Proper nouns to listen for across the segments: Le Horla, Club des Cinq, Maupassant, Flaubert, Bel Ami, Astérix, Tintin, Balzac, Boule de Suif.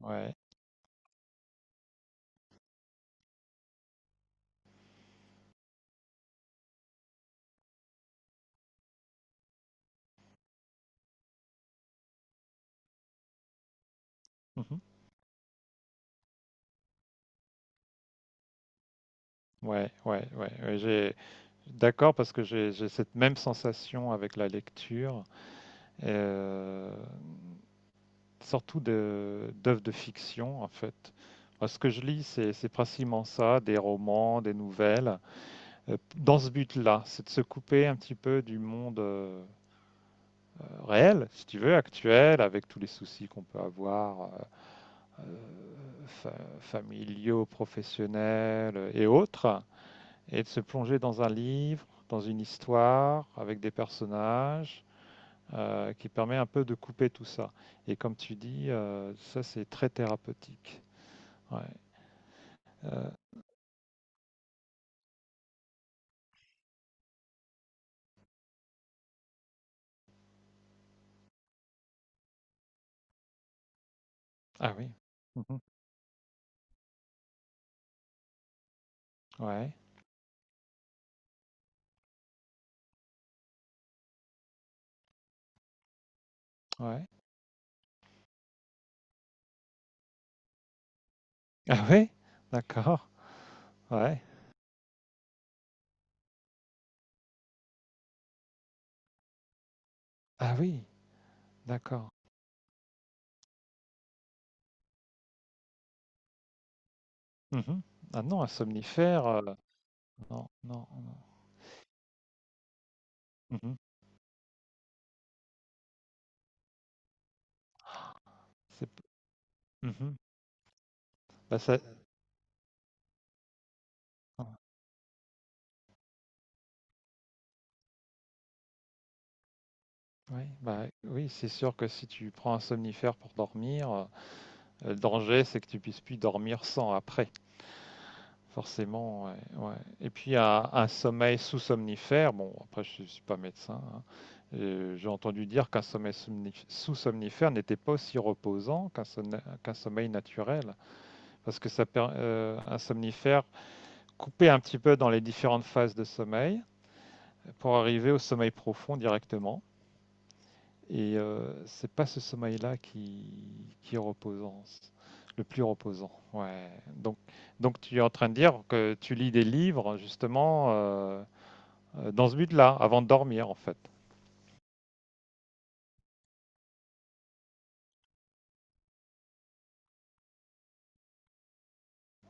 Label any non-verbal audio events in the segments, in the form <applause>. Ouais. Mhm. Ouais, ouais, ouais, ouais, j'ai d'accord parce que j'ai cette même sensation avec la lecture, euh, surtout de d'œuvres de fiction en fait. Moi, ce que je lis, c'est principalement ça, des romans, des nouvelles, dans ce but-là, c'est de se couper un petit peu du monde réel, si tu veux, actuel, avec tous les soucis qu'on peut avoir, euh, fa- familiaux, professionnels et autres. Et de se plonger dans un livre, dans une histoire, avec des personnages, qui permet un peu de couper tout ça. Et comme tu dis, ça c'est très thérapeutique. Ouais. Euh, ah oui. Mhm. Ouais. Ouais. Ah oui. D'accord. Ouais. Ah oui. D'accord. Mhm. Ah non, un somnifère. Non, non, non. Mhm. C'est. p- Mhm. Bah ça. Ah, ouais, bah oui, c'est sûr que si tu prends un somnifère pour dormir, le danger, c'est que tu puisses plus dormir sans après, forcément. Ouais, ouais. Et puis un sommeil sous-somnifère, bon, après je ne suis pas médecin, hein. J'ai entendu dire qu'un sommeil sous-somnifère n'était pas aussi reposant qu'un sommeil naturel, parce que un somnifère coupait un petit peu dans les différentes phases de sommeil pour arriver au sommeil profond directement. Et c'est pas ce sommeil-là qui est reposant, le plus reposant. Ouais. Donc, tu es en train de dire que tu lis des livres justement dans ce but-là, avant de dormir en fait.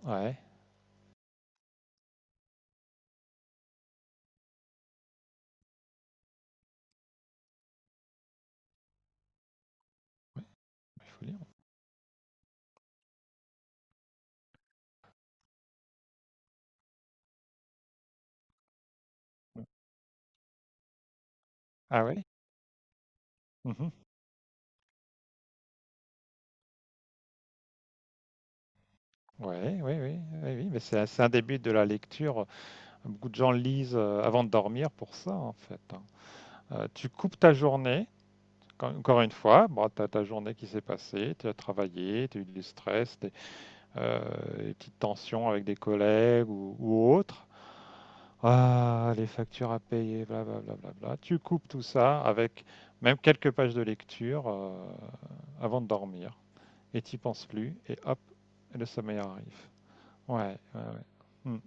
Ouais. Il faut lire. Ah ouais. Mhm. Ouais, oui, oui, oui, oui, mais c'est un début de la lecture. Beaucoup de gens lisent avant de dormir pour ça, en fait, hein. Tu coupes ta journée, encore une fois, bon, tu as ta journée qui s'est passée, tu as travaillé, tu as eu du stress, tu des petites tensions avec des collègues ou autres. Ah, les factures à payer, blablabla. Bla, bla, bla. Tu coupes tout ça avec même quelques pages de lecture avant de dormir. Et t'y penses plus, et hop, le sommeil arrive. Ouais, ouais, ouais. Mm,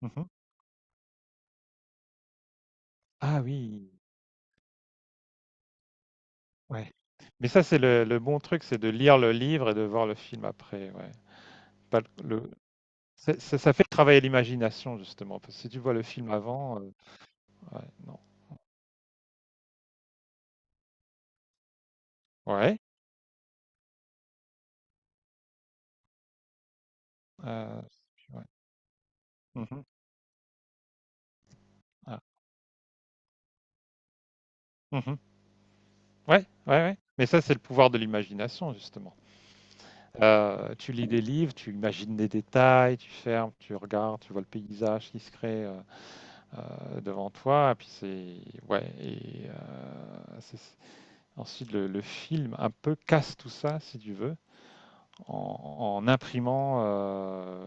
mhm. Ah oui, ouais. Mais ça, c'est le bon truc, c'est de lire le livre et de voir le film après. Ouais. Pas le, le- c'est- Ça fait travailler l'imagination, justement. Parce que si tu vois le film avant, ouais, non. Ouais. Heu, je Ouais. Mmh. Ah. Mmh. Ouais, ouais, ouais. Mais ça, c'est le pouvoir de l'imagination justement. Tu lis des livres, tu imagines des détails, tu fermes, tu regardes, tu vois le paysage qui se crée, devant toi et puis c'est ouais, c'est ensuite le film un peu casse tout ça si tu veux en imprimant,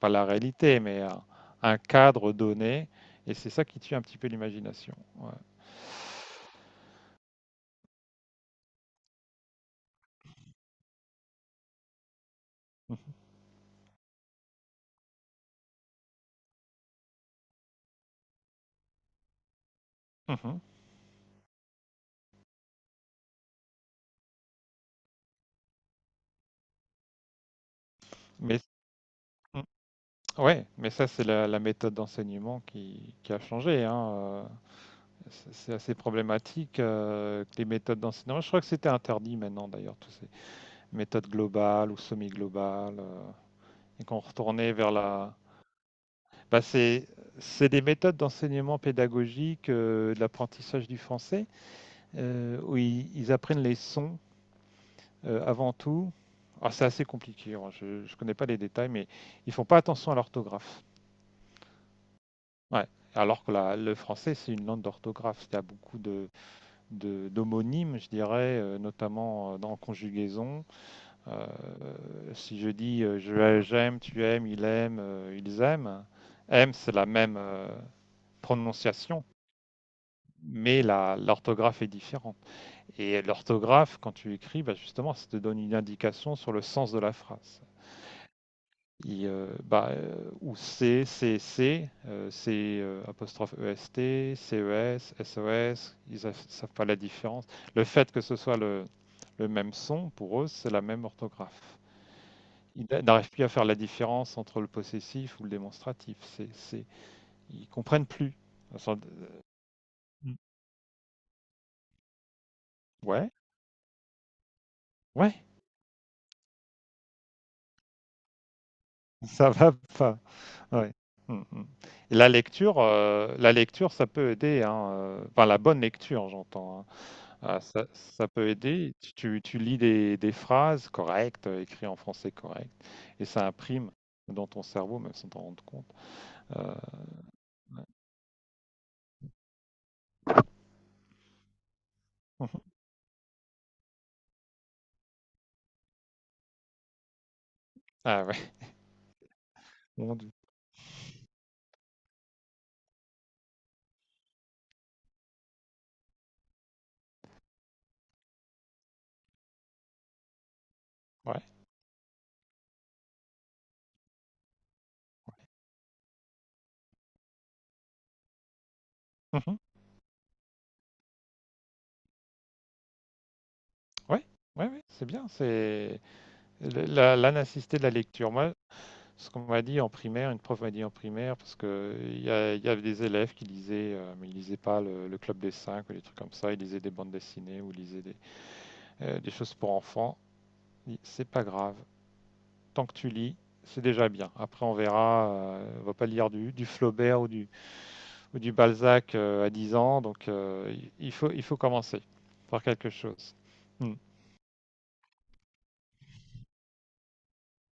pas la réalité mais un cadre donné et c'est ça qui tue un petit peu l'imagination, ouais. Mmh, mh. Mmh. Mais mm, ouais, mais ça c'est la méthode d'enseignement qui a changé, hein. C'est assez problématique que les méthodes d'enseignement. Je crois que c'était interdit maintenant d'ailleurs, toutes ces méthodes globales ou semi-globales, et qu'on retournait vers la. Bah, c'est des méthodes d'enseignement pédagogique, de l'apprentissage du français, où ils apprennent les sons avant tout. Alors, c'est assez compliqué, hein, je ne connais pas les détails, mais ils font pas attention à l'orthographe. Ouais, alors que le français, c'est une langue d'orthographe. Il y a beaucoup d'homonymes, je dirais, notamment dans conjugaison. Euh, Si je dis j'aime, tu aimes, il aime, ils aiment, aime, c'est la même prononciation, mais l'orthographe est différente. Et l'orthographe, quand tu écris, bah, justement, ça te donne une indication sur le sens de la phrase. Bah, ou C, C, C, C apostrophe E s, CES, s, S O S, ils ne savent pas la différence. Le fait que ce soit le même son, pour eux, c'est la même orthographe. Ils n'arrivent plus à faire la différence entre le possessif ou le démonstratif. Ils comprennent plus. Ils sont- Mm. Ouais, ouais, <laughs> ça va pas. Ouais. Mm, mm. Et la lecture, ça peut aider, hein. Enfin, la bonne lecture, j'entends, hein. Ah, ça peut aider. Tu lis des phrases correctes, écrites en français correct, et ça imprime dans ton cerveau, même sans t'en rendre compte. Euh, mhm. Ah ouais, <laughs> mon Dieu. Ouais. Mhm. Ouais, ouais, ouais, c'est bien. C'est l'anacité de la lecture. Moi, ce qu'on m'a dit en primaire, une prof m'a dit en primaire, parce que il y avait des élèves qui lisaient, mais ils lisaient pas le Club des Cinq ou des trucs comme ça. Ils lisaient des bandes dessinées ou ils lisaient des choses pour enfants. C'est pas grave, tant que tu lis, c'est déjà bien. Après, on verra. On va pas lire du Flaubert ou ou du Balzac à 10 ans. Donc, il faut commencer par quelque chose. Hmm.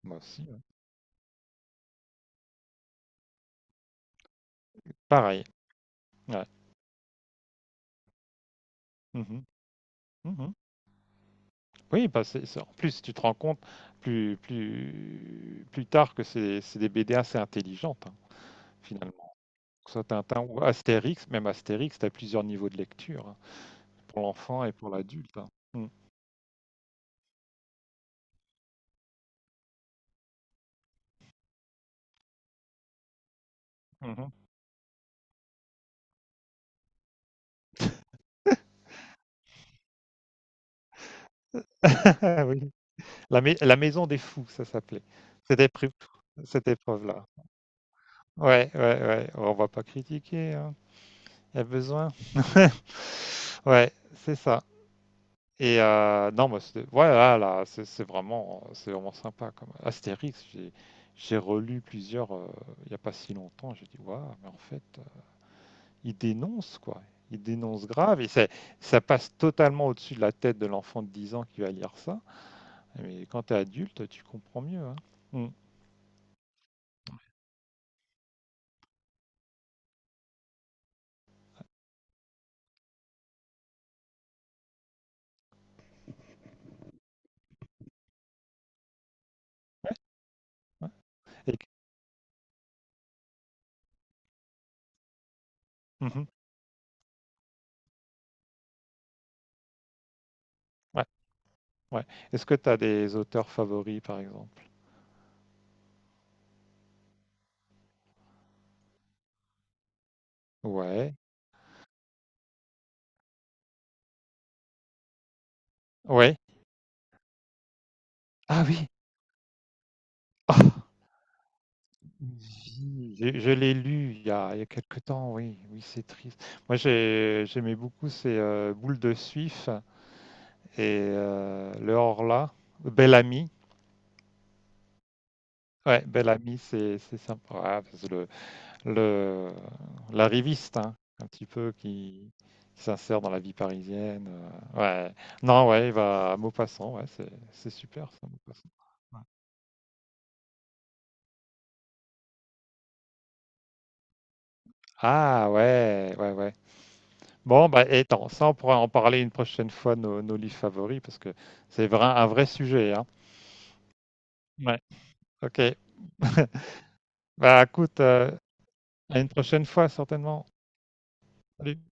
Moi aussi. Ouais. Pareil. Ouais. Mhm. Mhm. Oui, bah, en plus, tu te rends compte plus tard que c'est des BD assez intelligentes, hein, finalement. Que ce soit Tintin ou Astérix, même Astérix, tu as plusieurs niveaux de lecture, hein, pour l'enfant et pour l'adulte, hein. Hmm. Mhm. <laughs> Oui. La maison des fous, ça s'appelait. Cette épreuve Cette épreuve-là. Ouais, ouais, ouais, on va pas critiquer, hein, il y a besoin. <laughs> Ouais, c'est ça. Et non, moi, c'était voilà, là, c'est vraiment sympa comme Astérix, j'ai relu plusieurs, il n'y a pas si longtemps, j'ai dit: «Waouh, mais en fait, il dénonce quoi, il dénonce grave» et c'est ça passe totalement au-dessus de la tête de l'enfant de 10 ans qui va lire ça, mais quand tu es adulte, tu comprends mieux, hein. Mmh, ouais. Mmh. Ouais, ouais. Est-ce que tu as des auteurs favoris, par exemple? Ouais, ouais. Ah oui! Ah, Vie. Je l'ai lu il y a quelque temps, oui, oui, c'est triste. Moi, j'aimais beaucoup, ces Boule de Suif et Le Horla, Bel Ami. Ouais, Bel Ami, c'est sympa. Ah, parce que le l'arriviste, hein, un petit peu qui s'insère dans la vie parisienne. euh, ouais. Non, ouais, il va à Maupassant, ouais, c'est super ça, Maupassant. Ouais. Ah ouais, ouais, ouais. Bon, bah et attends, ça on pourra en parler une prochaine fois, nos livres favoris, parce que c'est vrai, un vrai sujet, hein. Ouais, ok. <laughs> Bah écoute, à une prochaine fois certainement. Salut.